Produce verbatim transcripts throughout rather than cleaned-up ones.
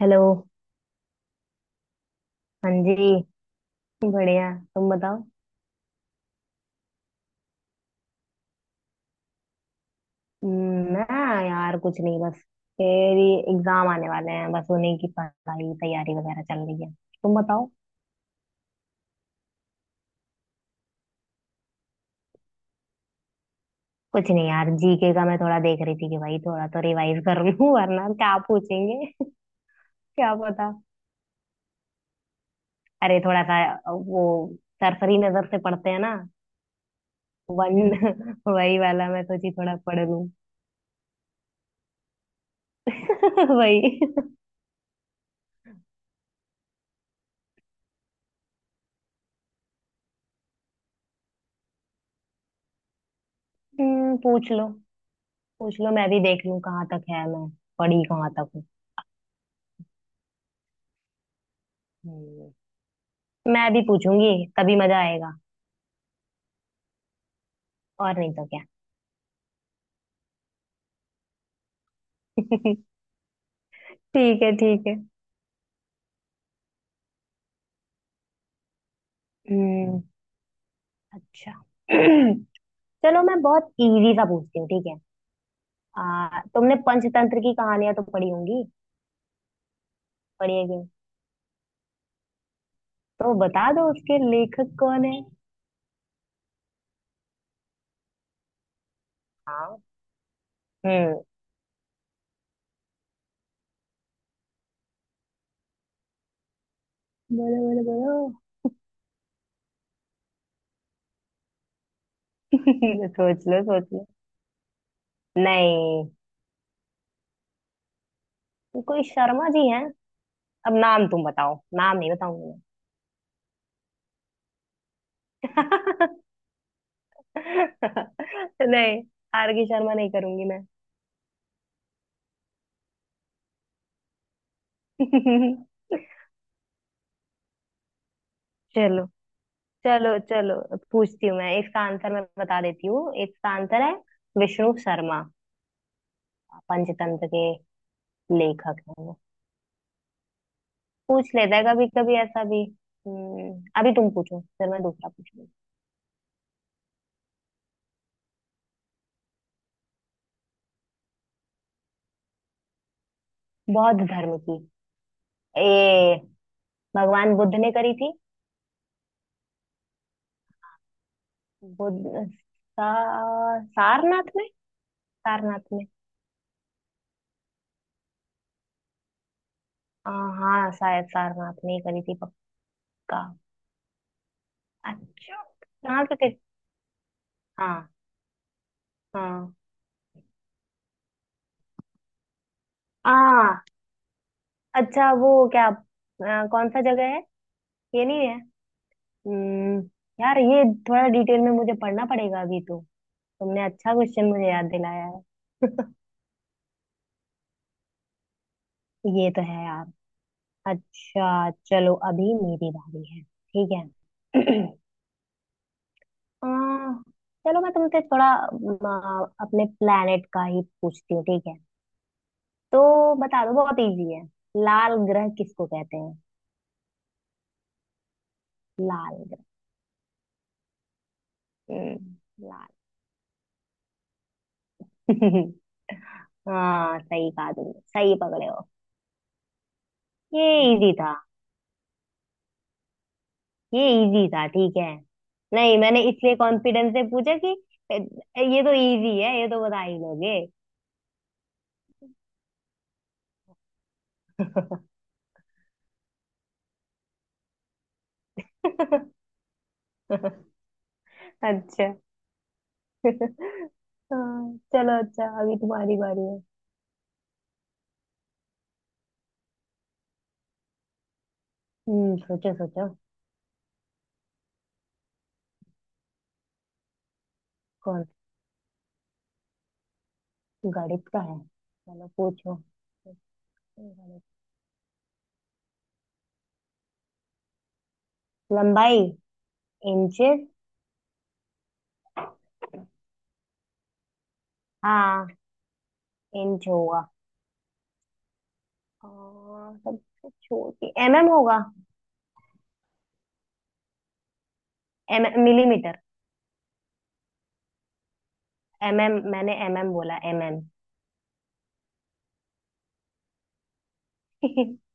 Hello. हाँ जी। बढ़िया। तुम बताओ। हम्म, ना यार, कुछ नहीं बस। तेरी। एग्जाम आने वाले हैं, बस उन्हीं की पढ़ाई तैयारी वगैरह चल रही है। तुम बताओ। कुछ नहीं यार, जीके का मैं थोड़ा देख रही थी कि भाई थोड़ा तो रिवाइज कर लूं। वरना क्या पूछेंगे। क्या पता। अरे थोड़ा सा वो सरसरी नजर से पढ़ते हैं ना। वन वही वाला, मैं सोची थोड़ा पढ़ लूं। वही। हम्म, पूछ लो। पूछ लो, मैं भी देख लूं कहाँ तक है, मैं पढ़ी कहाँ तक हूँ। हम्म, मैं भी पूछूंगी, तभी मजा आएगा। और नहीं तो क्या। ठीक है, ठीक है। हम्म। अच्छा। चलो, मैं बहुत इजी सा पूछती हूँ, ठीक है। आ, तुमने पंचतंत्र की कहानियां तो पढ़ी होंगी। पढ़ी है कि नहीं? तो बता दो उसके लेखक कौन है। हाँ। हम्म। बोलो, बोलो, बोलो। सोच लो, सोच लो। नहीं। कोई शर्मा जी हैं। अब नाम तुम बताओ, नाम नहीं बताऊंगी मैं। नहीं, आर के शर्मा नहीं करूंगी मैं। चलो, चलो, चलो। पूछती हूँ, मैं इसका आंसर, मैं बता देती हूँ। इसका आंसर है विष्णु शर्मा। पंचतंत्र के लेखक है वो। पूछ लेता है कभी कभी ऐसा भी। हम्म, अभी तुम पूछो, फिर मैं दूसरा पूछूंगी। बौद्ध धर्म की। ए, भगवान बुद्ध ने करी थी। बुद्ध। सा, सारनाथ में। सारनाथ में। आ, हाँ, शायद सारनाथ में ही करी थी। पक्का। अच्छा, कहाँ पे करी। हाँ, हाँ। आ अच्छा, वो क्या, अ, कौन सा जगह है। ये नहीं है। हम्म। यार ये, थोड़ा डिटेल में मुझे पढ़ना पड़ेगा अभी तो। तुमने अच्छा क्वेश्चन मुझे याद दिलाया है। ये तो है यार। अच्छा चलो, अभी मेरी बारी है, ठीक है। आ, चलो मैं तुमसे थोड़ा आ, अपने प्लेनेट का ही पूछती हूँ, ठीक है। तो बता दो, बहुत इजी है। लाल ग्रह किसको कहते हैं। लाल ग्रह। हम्म, लाल। हाँ, सही कहा तुमने, सही पकड़े हो। ये इजी था, ये इजी था, ठीक है। नहीं, मैंने इसलिए कॉन्फिडेंस से पूछा कि "ए, ये तो इजी है, ये तो बता ही लोगे। अच्छा। हाँ, चलो अच्छा, अभी तुम्हारी बारी है। हम्म, सोचो, सोचो। कौन। गणित का है, चलो पूछो। गणित। लंबाई। इंचेस। हाँ। इंच होगा। और सबसे छोटी एमएम होगा। M millimetre. एमएम, मैंने एमएम बोला, एमएम।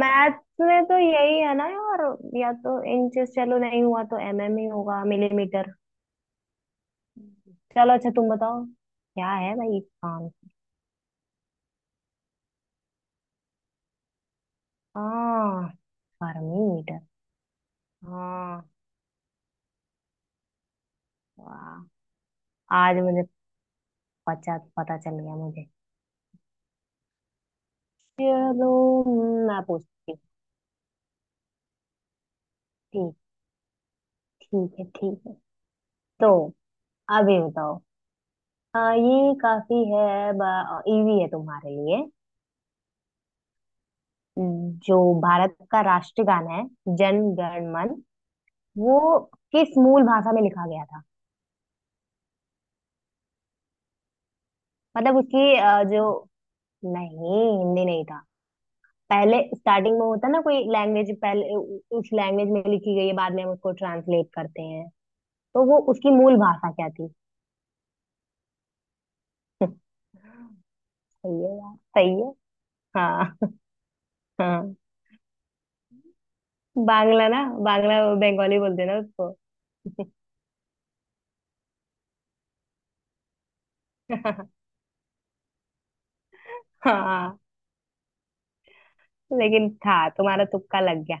मैथ्स में तो यही है ना यार। या तो इंचेस, चलो नहीं हुआ तो एमएम ही होगा, मिलीमीटर। चलो अच्छा, तुम बताओ क्या है भाई काम। हाँ। Fermi metre. हाँ, वाह। आज मुझे पता, पता चल गया मुझे। चलो मैं पूछती हूँ। ठीक, ठीक है, ठीक है। तो अभी बताओ। हाँ ये काफी है। इजी है तुम्हारे लिए। जो भारत का राष्ट्रगान है, जन गण मन, वो किस मूल भाषा में लिखा गया था। मतलब उसकी अ, जो, नहीं हिंदी नहीं था। पहले स्टार्टिंग में होता ना कोई लैंग्वेज, पहले उ- उस लैंग्वेज में लिखी गई है, बाद में हम उसको ट्रांसलेट करते हैं। तो वो उसकी मूल भाषा क्या थी। सही है यार, सही है। हाँ। हाँ, बांग्ला ना। बांग्ला। बंगाली बोलते हैं ना उसको। हाँ, लेकिन था, तुम्हारा तुक्का लग गया।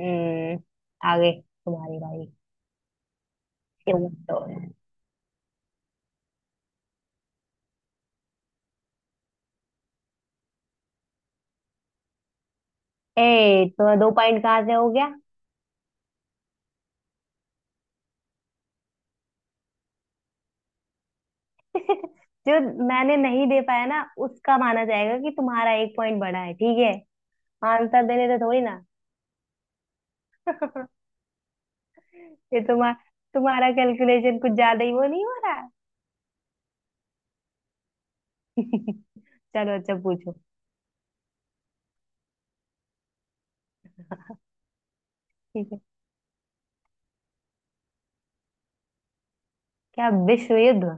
हम्म। आगे तुम्हारी बारी। क्यों तो। ए, तो दो पॉइंट कहाँ से हो गया। जो मैंने नहीं दे पाया ना, उसका माना जाएगा कि तुम्हारा एक पॉइंट बढ़ा है, ठीक है। आंसर देने तो थोड़ी ना। ये तुम्हारा तुम्हारा कैलकुलेशन कुछ ज्यादा ही वो नहीं हो रहा है। चलो अच्छा, पूछो। ठीक है। क्या विश्व युद्ध।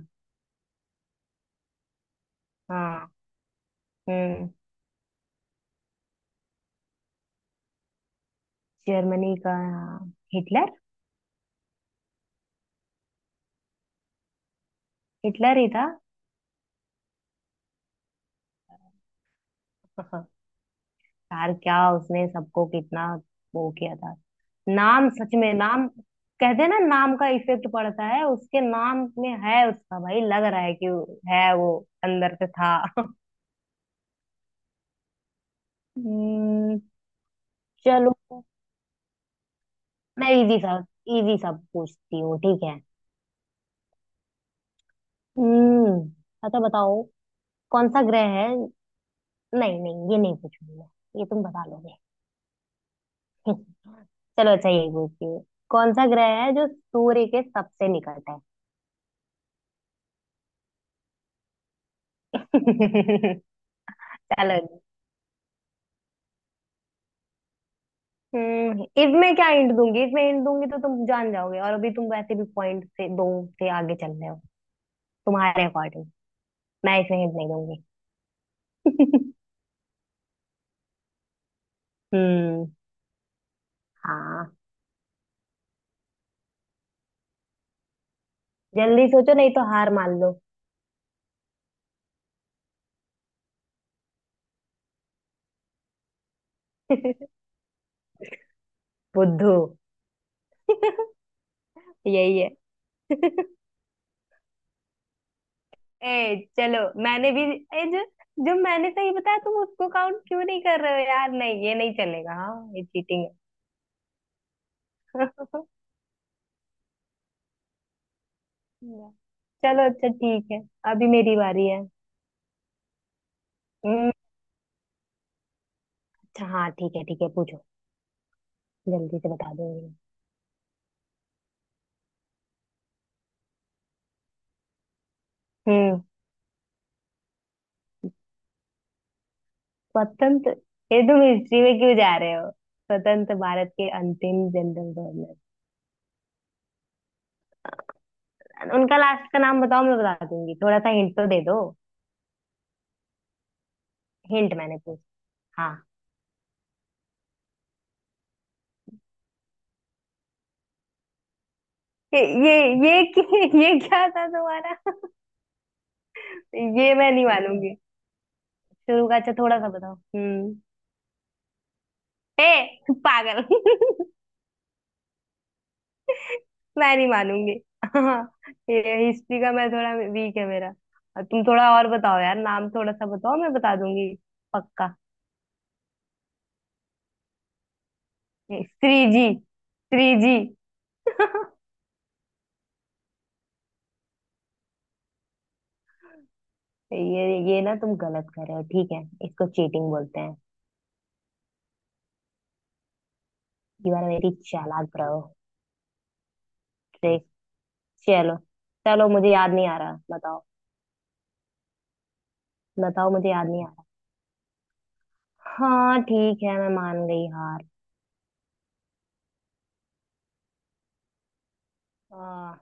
हाँ। हम्म। जर्मनी का। हाँ, हिटलर। हिटलर ही था। यार, क्या उसने सबको कितना वो किया था। नाम, सच में नाम। कहते हैं ना, नाम का इफेक्ट पड़ता है, उसके नाम में है उसका। भाई लग रहा है कि है वो अंदर से था। हम्म, चलो मैं इजी सा, इजी सा पूछती हूँ, ठीक है। हम्म, अच्छा बताओ। कौन सा ग्रह है। नहीं, नहीं, ये नहीं पूछूंगी मैं। ये तुम बता लोगे। चलो अच्छा, यही पूछती हूँ। कौन सा ग्रह है जो सूर्य के सबसे निकट है। चलो। हम्म, इफ मैं क्या हिंट दूंगी, इफ मैं हिंट दूंगी तो तुम जान जाओगे, और अभी तुम वैसे भी पॉइंट से दो से आगे चल रहे हो तुम्हारे अकॉर्डिंग। मैं इसमें हिंट नहीं दूंगी। हम्म हाँ, जल्दी सोचो, नहीं तो हार मान लो। बुद्धू। यही है। ए, चलो मैंने भी। ए, जो जो मैंने सही बताया तुम उसको काउंट क्यों नहीं कर रहे हो यार, नहीं ये नहीं चलेगा, हाँ ये चीटिंग है। चलो अच्छा, ठीक है, अभी मेरी बारी है। हम्म, अच्छा, हाँ ठीक है, ठीक है, पूछो। जल्दी से बता दूंगी। हम्म। स्वतंत्र। ये तुम हिस्ट्री में क्यों जा रहे हो, स्वतंत्र भारत के अंतिम जनरल गवर्नर। उनका लास्ट का नाम बताओ, मैं बता दूंगी, थोड़ा सा हिंट तो दे दो। हिंट मैंने पूछ। हाँ। ये ये ये कि- ये क्या था तुम्हारा। ये मैं नहीं मानूंगी। शुरू का अच्छा, थोड़ा सा बताओ, हम्म। ए, पागल। मैं नहीं मानूंगी। हाँ। ये हिस्ट्री का मैं थोड़ा वीक है मेरा। तुम थोड़ा और बताओ यार, नाम थोड़ा सा बताओ, मैं बता दूंगी। पक्का। थ्री जी, थ्री जी। ये ये ना तुम गलत कर रहे हो, ठीक है। इसको चीटिंग बोलते हैं। यू आर वेरी चालाक ब्रो। ठीक। चलो। चलो मुझे याद नहीं आ रहा, बताओ। बताओ, मुझे याद नहीं आ रहा। हाँ ठीक है, मैं मान गई हार। आ,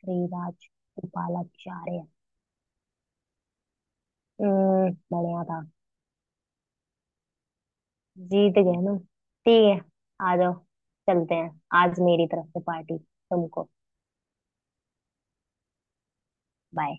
श्रीराज गोपालाचार्य। हम्म, बढ़िया था। जीत गए ना। ठीक है। आ जाओ। चलते हैं। आज मेरी तरफ से पार्टी तुमको। बाय।